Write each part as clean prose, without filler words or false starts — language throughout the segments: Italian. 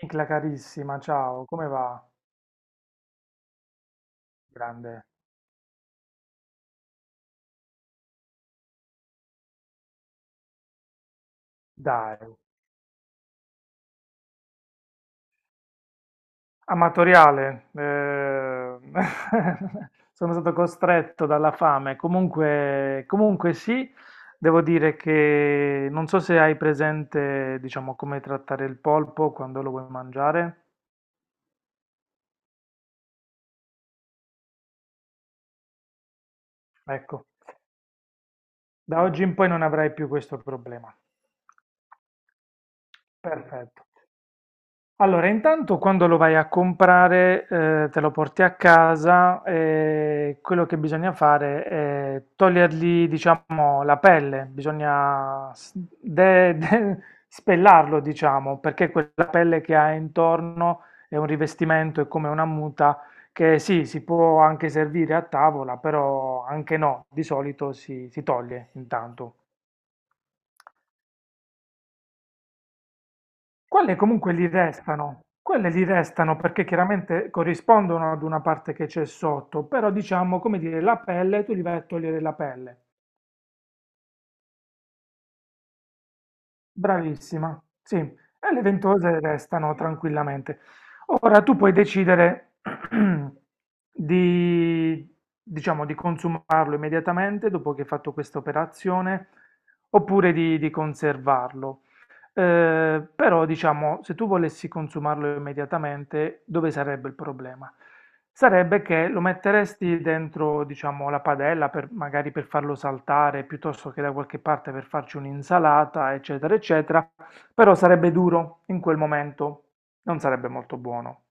Nicla carissima, ciao, come va? Grande, dai. Amatoriale, sono stato costretto dalla fame. Comunque, sì, devo dire che non so se hai presente, diciamo, come trattare il polpo quando lo vuoi mangiare. Ecco, da oggi in poi non avrai più questo problema. Perfetto. Allora, intanto quando lo vai a comprare, te lo porti a casa e quello che bisogna fare è togliergli, diciamo, la pelle, bisogna de- de- spellarlo, diciamo, perché quella pelle che ha intorno è un rivestimento, è come una muta che sì, si può anche servire a tavola, però anche no, di solito si toglie intanto. Quelle comunque gli restano, quelle gli restano perché chiaramente corrispondono ad una parte che c'è sotto, però diciamo, come dire, la pelle, tu li vai a togliere la pelle. Bravissima, sì, e le ventose restano tranquillamente. Ora tu puoi decidere di, diciamo, di consumarlo immediatamente dopo che hai fatto questa operazione, oppure di conservarlo. Però diciamo, se tu volessi consumarlo immediatamente, dove sarebbe il problema? Sarebbe che lo metteresti dentro, diciamo, la padella per, magari per farlo saltare, piuttosto che da qualche parte per farci un'insalata, eccetera, eccetera, però sarebbe duro in quel momento, non sarebbe molto buono.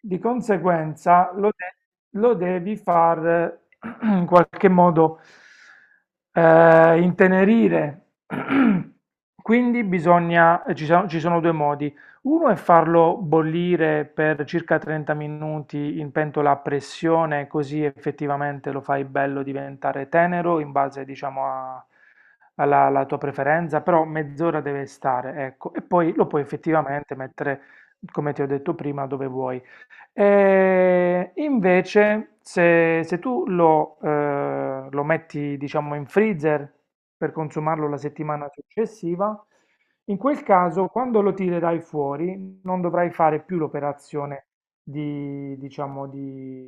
Di conseguenza lo devi far in qualche modo intenerire. Quindi bisogna, ci sono due modi. Uno è farlo bollire per circa 30 minuti in pentola a pressione, così effettivamente lo fai bello diventare tenero in base, diciamo, alla tua preferenza, però mezz'ora deve stare, ecco, e poi lo puoi effettivamente mettere, come ti ho detto prima, dove vuoi. E invece, se tu lo, lo metti, diciamo, in freezer per consumarlo la settimana successiva, in quel caso, quando lo tirerai fuori, non dovrai fare più l'operazione di, diciamo, di,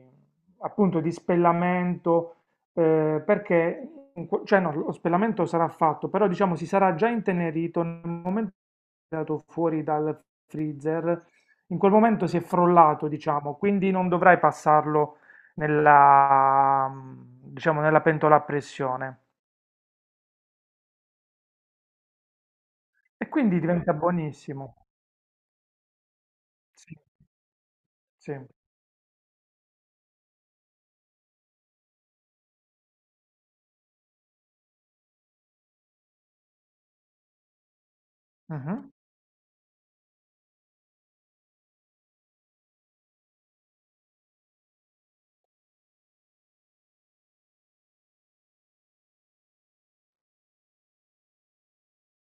appunto, di spellamento, perché, cioè no, lo spellamento sarà fatto, però diciamo si sarà già intenerito nel momento che è andato fuori dal freezer, in quel momento si è frollato, diciamo, quindi non dovrai passarlo nella, diciamo, nella pentola a pressione. E quindi diventa buonissimo. Sì, sì. Mhm.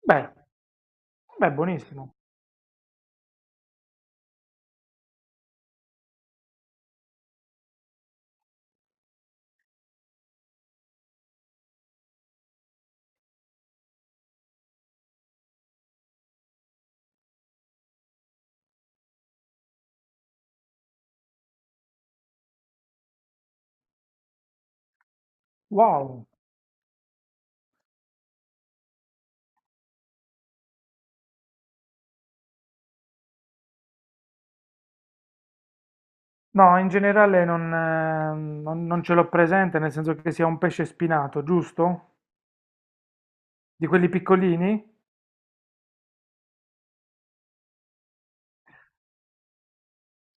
Beh. Beh, buonissimo. Wow. No, in generale non, non ce l'ho presente, nel senso che sia un pesce spinato, giusto? Di quelli piccolini?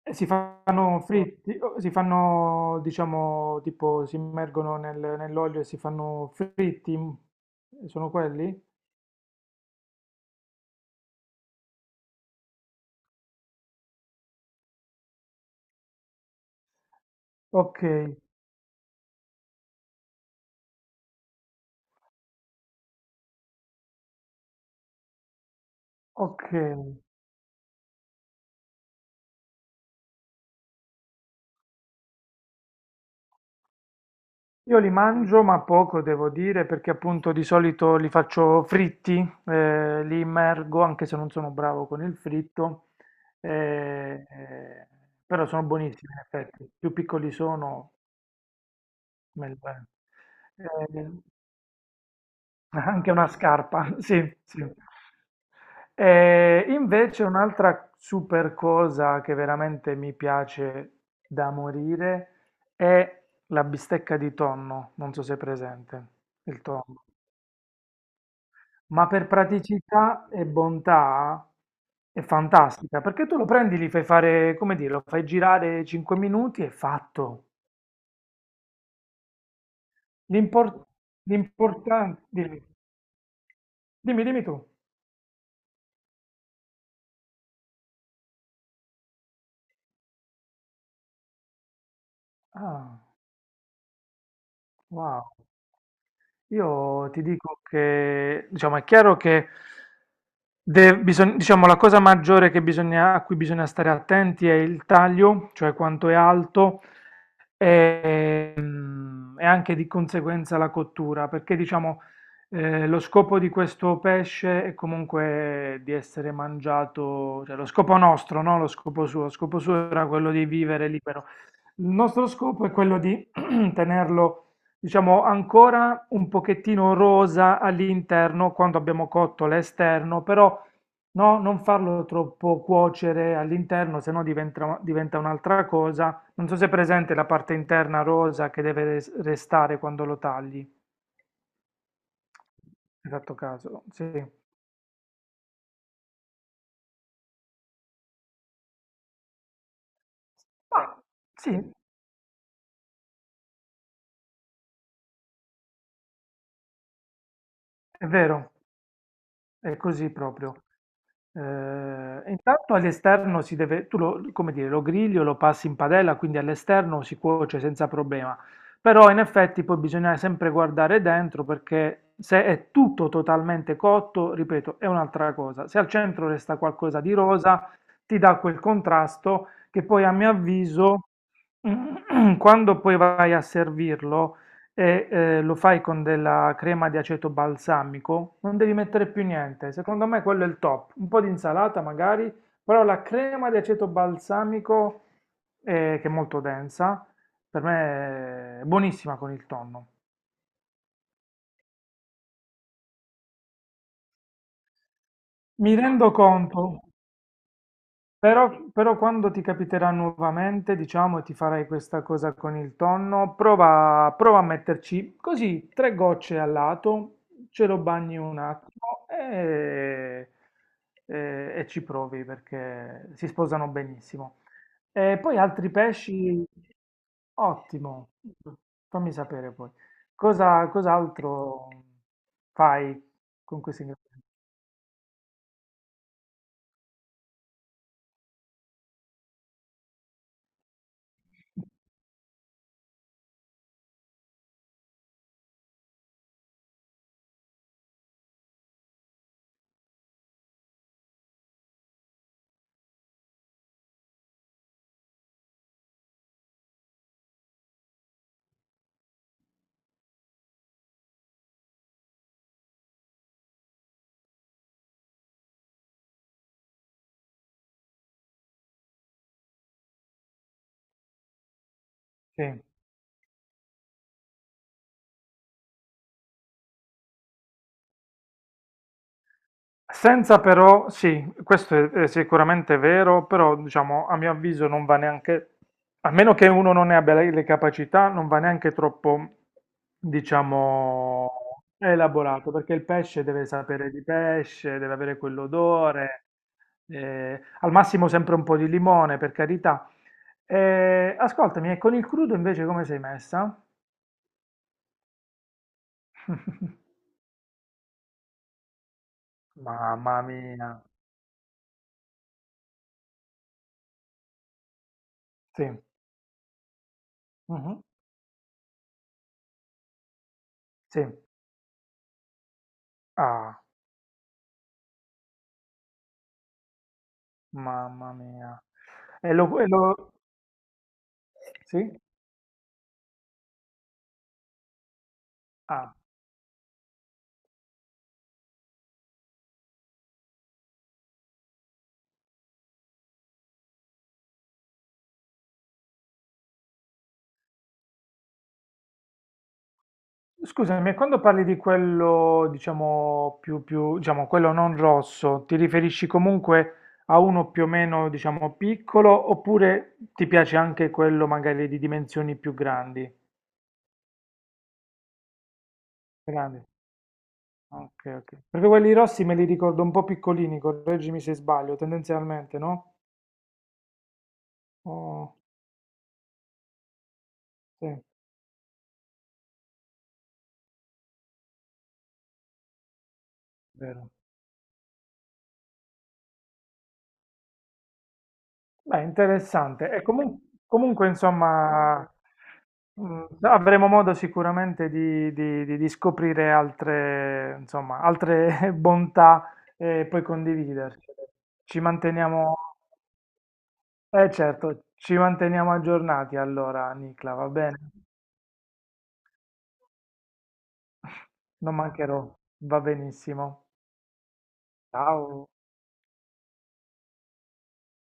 E si fanno fritti, o si fanno, diciamo, tipo, si immergono nell'olio e si fanno fritti? Sono quelli? Ok, ok. Io li mangio, ma poco devo dire, perché appunto di solito li faccio fritti, li immergo, anche se non sono bravo con il fritto, eh, eh, però sono buonissimi in effetti. Più piccoli sono, meglio è. Eh, anche una scarpa, sì, sì. E invece un'altra super cosa che veramente mi piace da morire è la bistecca di tonno, non so se è presente, il tonno. Ma per praticità e bontà è fantastica, perché tu lo prendi, li fai fare, come dire, lo fai girare 5 minuti e è fatto. L'impor- L'importante... Dimmi, dimmi tu. Ah, wow. Io ti dico che, diciamo, è chiaro che diciamo, la cosa maggiore a cui bisogna stare attenti è il taglio, cioè quanto è alto, e, e anche di conseguenza la cottura, perché diciamo, lo scopo di questo pesce è comunque di essere mangiato, cioè lo scopo nostro, no? Lo scopo suo era quello di vivere libero. Il nostro scopo è quello di tenerlo, diciamo, ancora un pochettino rosa all'interno quando abbiamo cotto l'esterno, però no, non farlo troppo cuocere all'interno, se no diventa un'altra cosa. Non so se è presente la parte interna rosa che deve restare quando lo tagli. Esatto caso, sì. Ma sì, è vero, è così proprio. Intanto all'esterno si deve, tu lo, come dire, lo grigli o lo passi in padella, quindi all'esterno si cuoce senza problema. Però in effetti poi bisogna sempre guardare dentro perché se è tutto totalmente cotto, ripeto, è un'altra cosa. Se al centro resta qualcosa di rosa, ti dà quel contrasto che poi a mio avviso, quando poi vai a servirlo, lo fai con della crema di aceto balsamico, non devi mettere più niente. Secondo me quello è il top. Un po' di insalata magari, però la crema di aceto balsamico, che è molto densa, per me è buonissima con il tonno. Mi rendo conto. Però quando ti capiterà nuovamente, diciamo, e ti farai questa cosa con il tonno, prova a metterci così tre gocce al lato, ce lo bagni un attimo e ci provi perché si sposano benissimo. E poi altri pesci, ottimo, fammi sapere poi. Cos'altro fai con questi ingredienti? Sì. Senza però, sì, questo è sicuramente vero, però diciamo a mio avviso non va neanche, a meno che uno non ne abbia le capacità, non va neanche troppo, diciamo, elaborato, perché il pesce deve sapere di pesce, deve avere quell'odore, al massimo sempre un po' di limone, per carità. Ascoltami, e con il crudo invece come sei messa? Mamma mia. Sì. Mhm. Sì. Ah. Mamma mia. E lo sì? Ah. Scusami, e quando parli di quello, diciamo, più diciamo, quello non rosso, ti riferisci comunque a uno più o meno, diciamo, piccolo, oppure ti piace anche quello magari di dimensioni più grandi? Grandi. Ok, ok. Perché quelli rossi me li ricordo un po' piccolini, correggimi se sbaglio, tendenzialmente, no? Oh, sì, vero. Beh, interessante. Comunque, insomma, avremo modo sicuramente di, di scoprire altre, insomma, altre bontà e poi condividercele. Ci manteniamo, eh certo, ci manteniamo aggiornati allora, Nicla, va bene? Non mancherò, va benissimo. Ciao.